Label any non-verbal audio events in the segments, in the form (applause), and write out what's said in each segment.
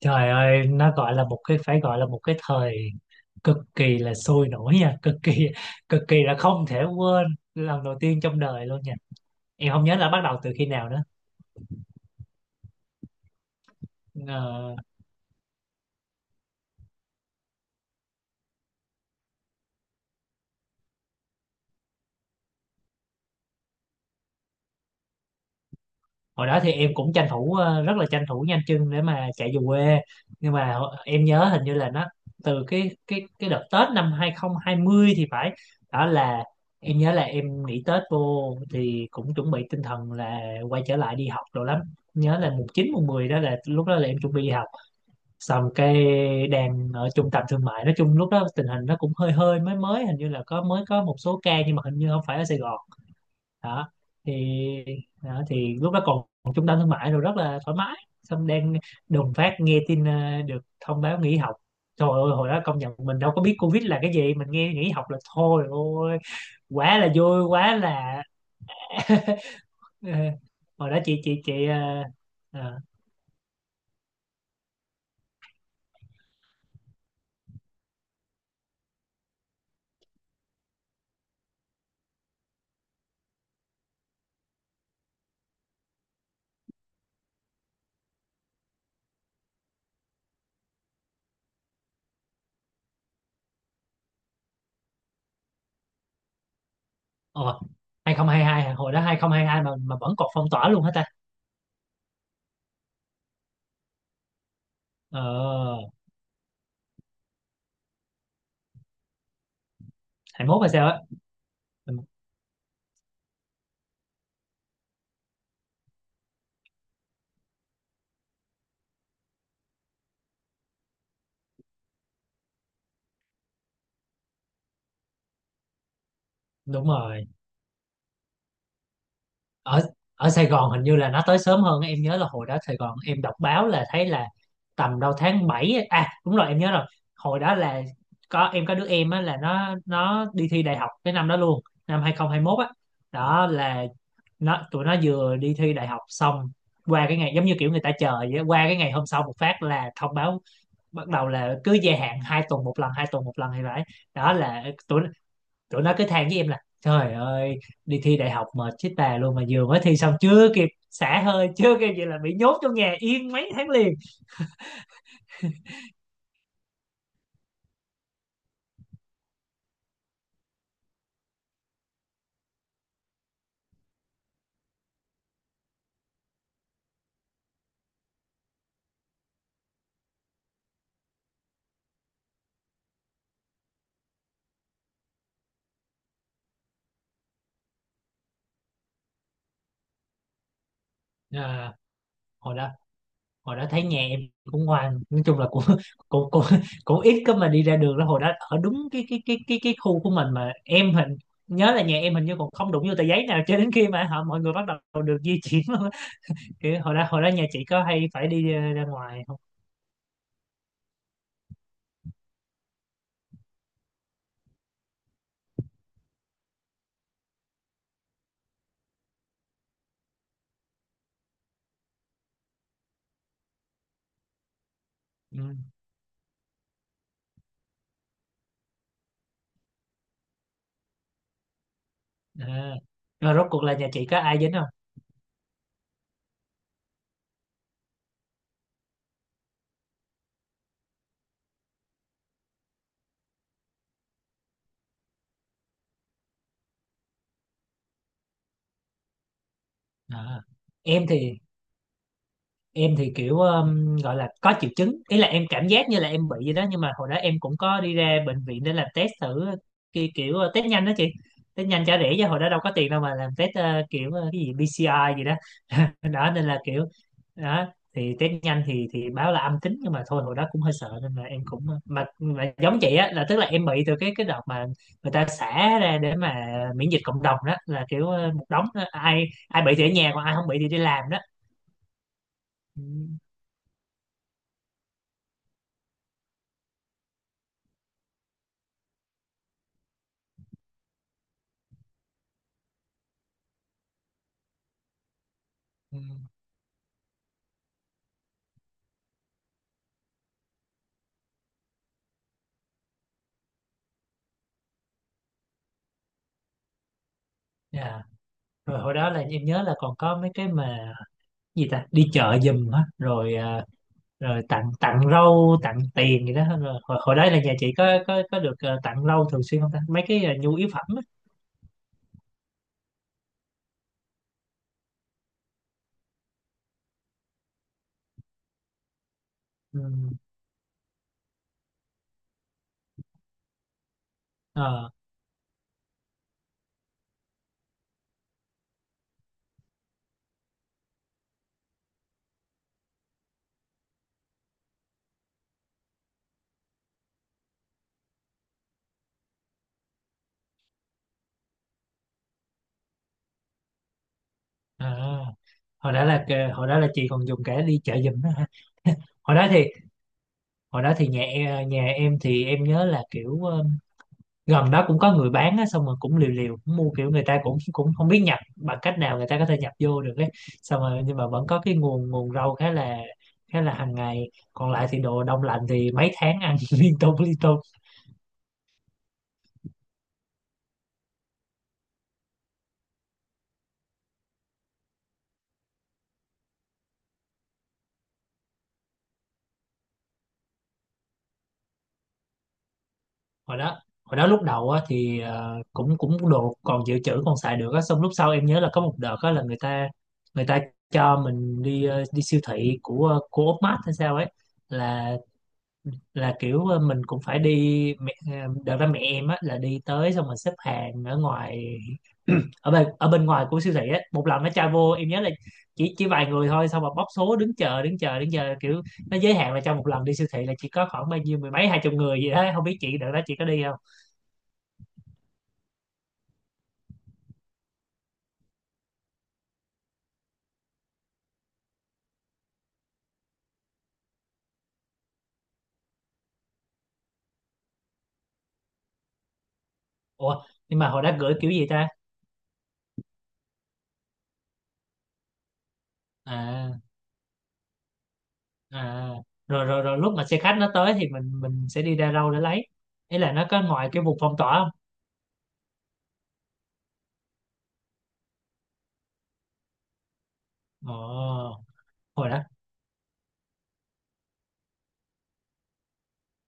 Trời ơi, nó gọi là một cái phải gọi là một cái thời cực kỳ là sôi nổi nha, cực kỳ là không thể quên lần đầu tiên trong đời luôn nha. Em không nhớ là bắt đầu từ khi nào nữa. Ờ. Hồi đó thì em cũng tranh thủ, rất là tranh thủ nhanh chân để mà chạy về quê nhưng mà em nhớ hình như là nó từ cái đợt Tết năm 2020 thì phải. Đó là em nhớ là em nghỉ Tết vô thì cũng chuẩn bị tinh thần là quay trở lại đi học đồ lắm, nhớ là mùng 9 mùng 10 đó, là lúc đó là em chuẩn bị đi học. Xong cái, đang ở trung tâm thương mại, nói chung lúc đó tình hình nó cũng hơi hơi mới mới, hình như là có, mới có một số ca nhưng mà hình như không phải ở Sài Gòn đó. Thì đó, thì lúc đó còn còn trung tâm thương mại rồi, rất là thoải mái, xong đang đùng phát nghe tin, được thông báo nghỉ học. Trời ơi hồi đó công nhận mình đâu có biết Covid là cái gì, mình nghe nghỉ học là thôi ôi quá là vui quá là... ờ, hồi đó chị, ờ, ờ, 2022 hả? Hồi đó 2022 mà vẫn còn phong tỏa luôn hả ta? ờ 21 hay sao á? Ừ, đúng rồi. Ở ở Sài Gòn hình như là nó tới sớm hơn á. Em nhớ là hồi đó Sài Gòn em đọc báo là thấy là tầm đâu tháng 7 ấy. À đúng rồi em nhớ rồi, hồi đó là có, em có đứa em á là nó đi thi đại học cái năm đó luôn, năm 2021 á. Đó là tụi nó vừa đi thi đại học xong, qua cái ngày giống như kiểu người ta chờ vậy á, qua cái ngày hôm sau một phát là thông báo, bắt đầu là cứ gia hạn 2 tuần một lần 2 tuần một lần thì vậy. Đó là tụi tụi nó cứ than với em là trời ơi, đi thi đại học mệt chết bà luôn mà vừa mới thi xong chưa kịp xả hơi chưa kịp gì là bị nhốt trong nhà yên mấy tháng liền. À, hồi đó hồi đó thấy nhà em cũng ngoan, nói chung là cũng (laughs) cũng cũng, cũng ít có mà đi ra đường đó, hồi đó ở đúng cái khu của mình mà em nhớ là nhà em hình như còn không đụng vô tờ giấy nào cho đến khi mà mọi người bắt đầu được di chuyển luôn á. Kiểu hồi đó nhà chị có hay phải đi, ra ngoài không? Ừ. À. Rồi rốt cuộc là nhà chị có ai dính không? À. em thì em thì kiểu, gọi là có triệu chứng, ý là em cảm giác như là em bị vậy đó nhưng mà hồi đó em cũng có đi ra bệnh viện để làm test thử, kiểu test nhanh đó chị. Test nhanh trả rẻ chứ hồi đó đâu có tiền đâu mà làm test, cái gì BCI gì đó. (laughs) Đó nên là kiểu đó. Thì test nhanh thì báo là âm tính nhưng mà thôi hồi đó cũng hơi sợ nên là em cũng, mà giống chị á, là tức là em bị từ cái đợt mà người ta xả ra để mà miễn dịch cộng đồng đó, là kiểu, một đống đó. Ai ai bị thì ở nhà, còn ai không bị thì đi làm đó. Ừ. Ừ. Dạ. Rồi hồi đó là em nhớ là còn có mấy cái mà gì ta đi chợ giùm á rồi, à, rồi tặng tặng rau tặng tiền gì đó rồi hồi đó là nhà chị có được, tặng rau thường xuyên không ta, mấy cái, nhu yếu phẩm á? Ừ. Ờ. À, hồi đó là chị còn dùng cả đi chợ giùm đó hả? hồi đó thì hồi đó thì nhà em thì em nhớ là kiểu, gần đó cũng có người bán á xong rồi cũng liều liều cũng mua, kiểu người ta cũng cũng không biết nhập bằng cách nào người ta có thể nhập vô được ấy. Xong rồi nhưng mà vẫn có cái nguồn nguồn rau khá là hàng ngày, còn lại thì đồ đông lạnh thì mấy tháng ăn (laughs) liên tục liên tục. Hồi đó hồi đó lúc đầu á thì, ờ, cũng cũng đồ còn dự trữ còn xài được á, xong lúc sau em nhớ là có một đợt á là người ta cho mình đi, đi siêu thị của, Úc Mát hay sao ấy. là là kiểu, mình cũng phải đi đợt đó mẹ em á là đi tới xong rồi xếp hàng ở ngoài, ở bên ngoài của siêu thị á, một lần nó cho vô, em nhớ là chỉ vài người thôi, xong rồi bóc số đứng chờ đứng chờ đứng chờ, kiểu nó giới hạn là trong một lần đi siêu thị là chỉ có khoảng bao nhiêu mười mấy hai chục người gì đó, không biết chị đợt đó chị có đi không. Ủa, nhưng mà hồi đó gửi kiểu gì ta? À à. Rồi rồi rồi, lúc mà xe khách nó tới thì mình sẽ đi ra đâu để lấy? Ý là nó có ngoài cái vùng phong tỏa không? Ồ, hồi đó.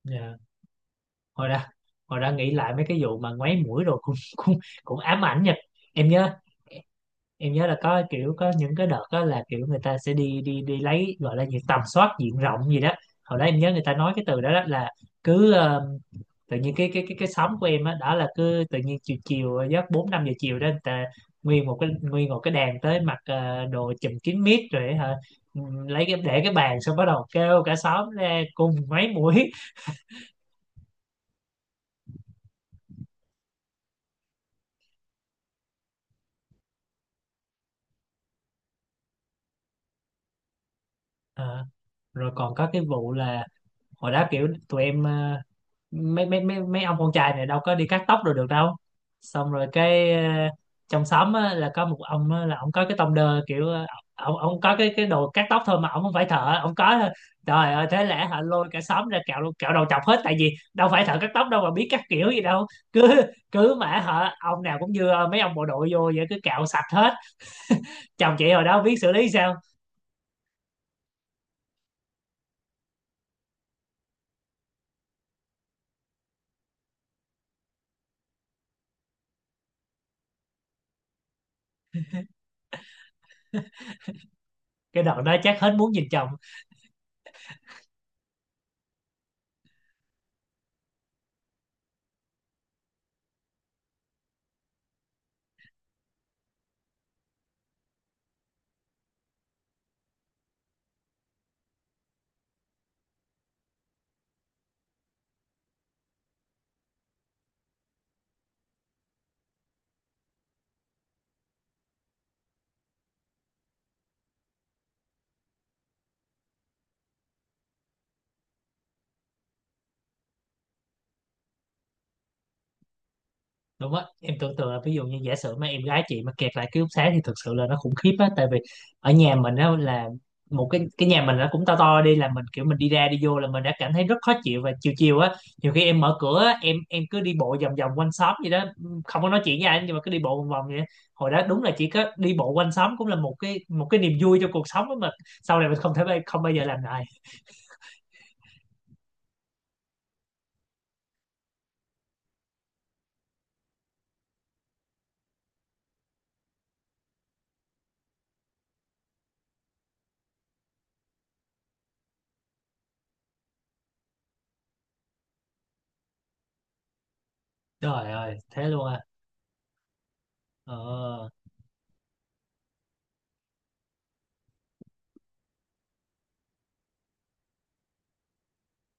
Dạ. Hồi ra hồi ra nghĩ lại mấy cái vụ mà ngoáy mũi rồi cũng (laughs) cũng cũng ám ảnh nha. Em nhớ em nhớ là có kiểu có những cái đợt đó là kiểu người ta sẽ đi đi đi lấy, gọi là gì, tầm soát diện rộng gì đó. Hồi đó em nhớ người ta nói cái từ đó, đó là cứ, tự nhiên cái xóm của em á đó, là cứ tự nhiên chiều chiều, giấc 4 5 giờ chiều đó người ta nguyên một cái đàn tới, mặc, đồ chùm kín mít rồi hả. Lấy cái để cái bàn xong bắt đầu kêu cả xóm ra cùng ngoáy mũi. Ờ. Rồi còn có cái vụ là hồi đó kiểu tụi em, mấy mấy mấy mấy ông con trai này đâu có đi cắt tóc rồi được đâu. Xong rồi cái, trong xóm á, là có một ông á, là ông có cái tông đơ, kiểu, ông có cái đồ cắt tóc thôi mà ông không phải thợ, ông có thôi. Trời ơi thế lẽ hả, lôi cả xóm ra cạo đầu chọc hết, tại vì đâu phải thợ cắt tóc đâu mà biết cắt kiểu gì đâu, cứ cứ mà hả ông nào cũng như mấy ông bộ đội vô vậy, cứ cạo sạch hết. Chồng chị hồi đó không biết xử lý sao, cái đợt đó chắc hết muốn nhìn chồng. Đúng á, em tưởng tượng là ví dụ như giả sử mà em gái chị mà kẹt lại ký túc xá thì thực sự là nó khủng khiếp á, tại vì ở nhà mình á là một cái nhà mình nó cũng to to đi là mình, kiểu mình đi ra đi vô là mình đã cảm thấy rất khó chịu, và chiều chiều á, nhiều khi em mở cửa á, em cứ đi bộ vòng vòng quanh xóm vậy đó, không có nói chuyện với ai nhưng mà cứ đi bộ vòng vòng vậy đó. Hồi đó đúng là chỉ có đi bộ quanh xóm cũng là một cái niềm vui cho cuộc sống á, mà sau này mình không thể, không bao giờ làm lại. Trời ơi thế luôn à? Ờ.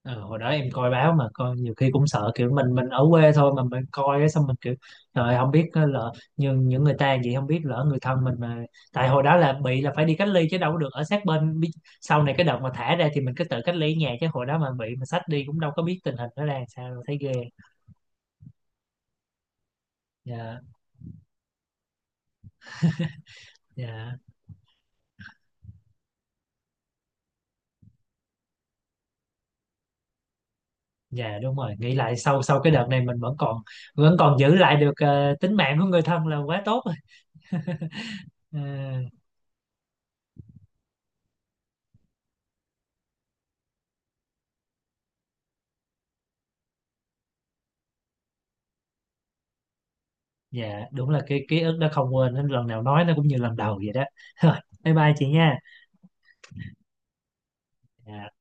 Ờ, hồi đó em coi báo mà coi nhiều khi cũng sợ kiểu mình ở quê thôi mà mình coi á, xong mình kiểu trời ơi, không biết á, lỡ những người ta vậy, không biết lỡ người thân mình mà tại hồi đó là bị là phải đi cách ly chứ đâu có được ở sát bên. Sau này cái đợt mà thả ra thì mình cứ tự cách ly ở nhà chứ hồi đó mà bị mà sách đi cũng đâu có biết tình hình nó ra làm sao đâu, thấy ghê. Dạ. Dạ, dạ đúng rồi, nghĩ lại sau sau cái đợt này mình vẫn còn giữ lại được, tính mạng của người thân là quá tốt rồi. Ờ. Dạ đúng là cái ký ức đó không quên, đến lần nào nói nó cũng như lần đầu vậy đó. (laughs) Rồi, bye bye chị nha. Dạ.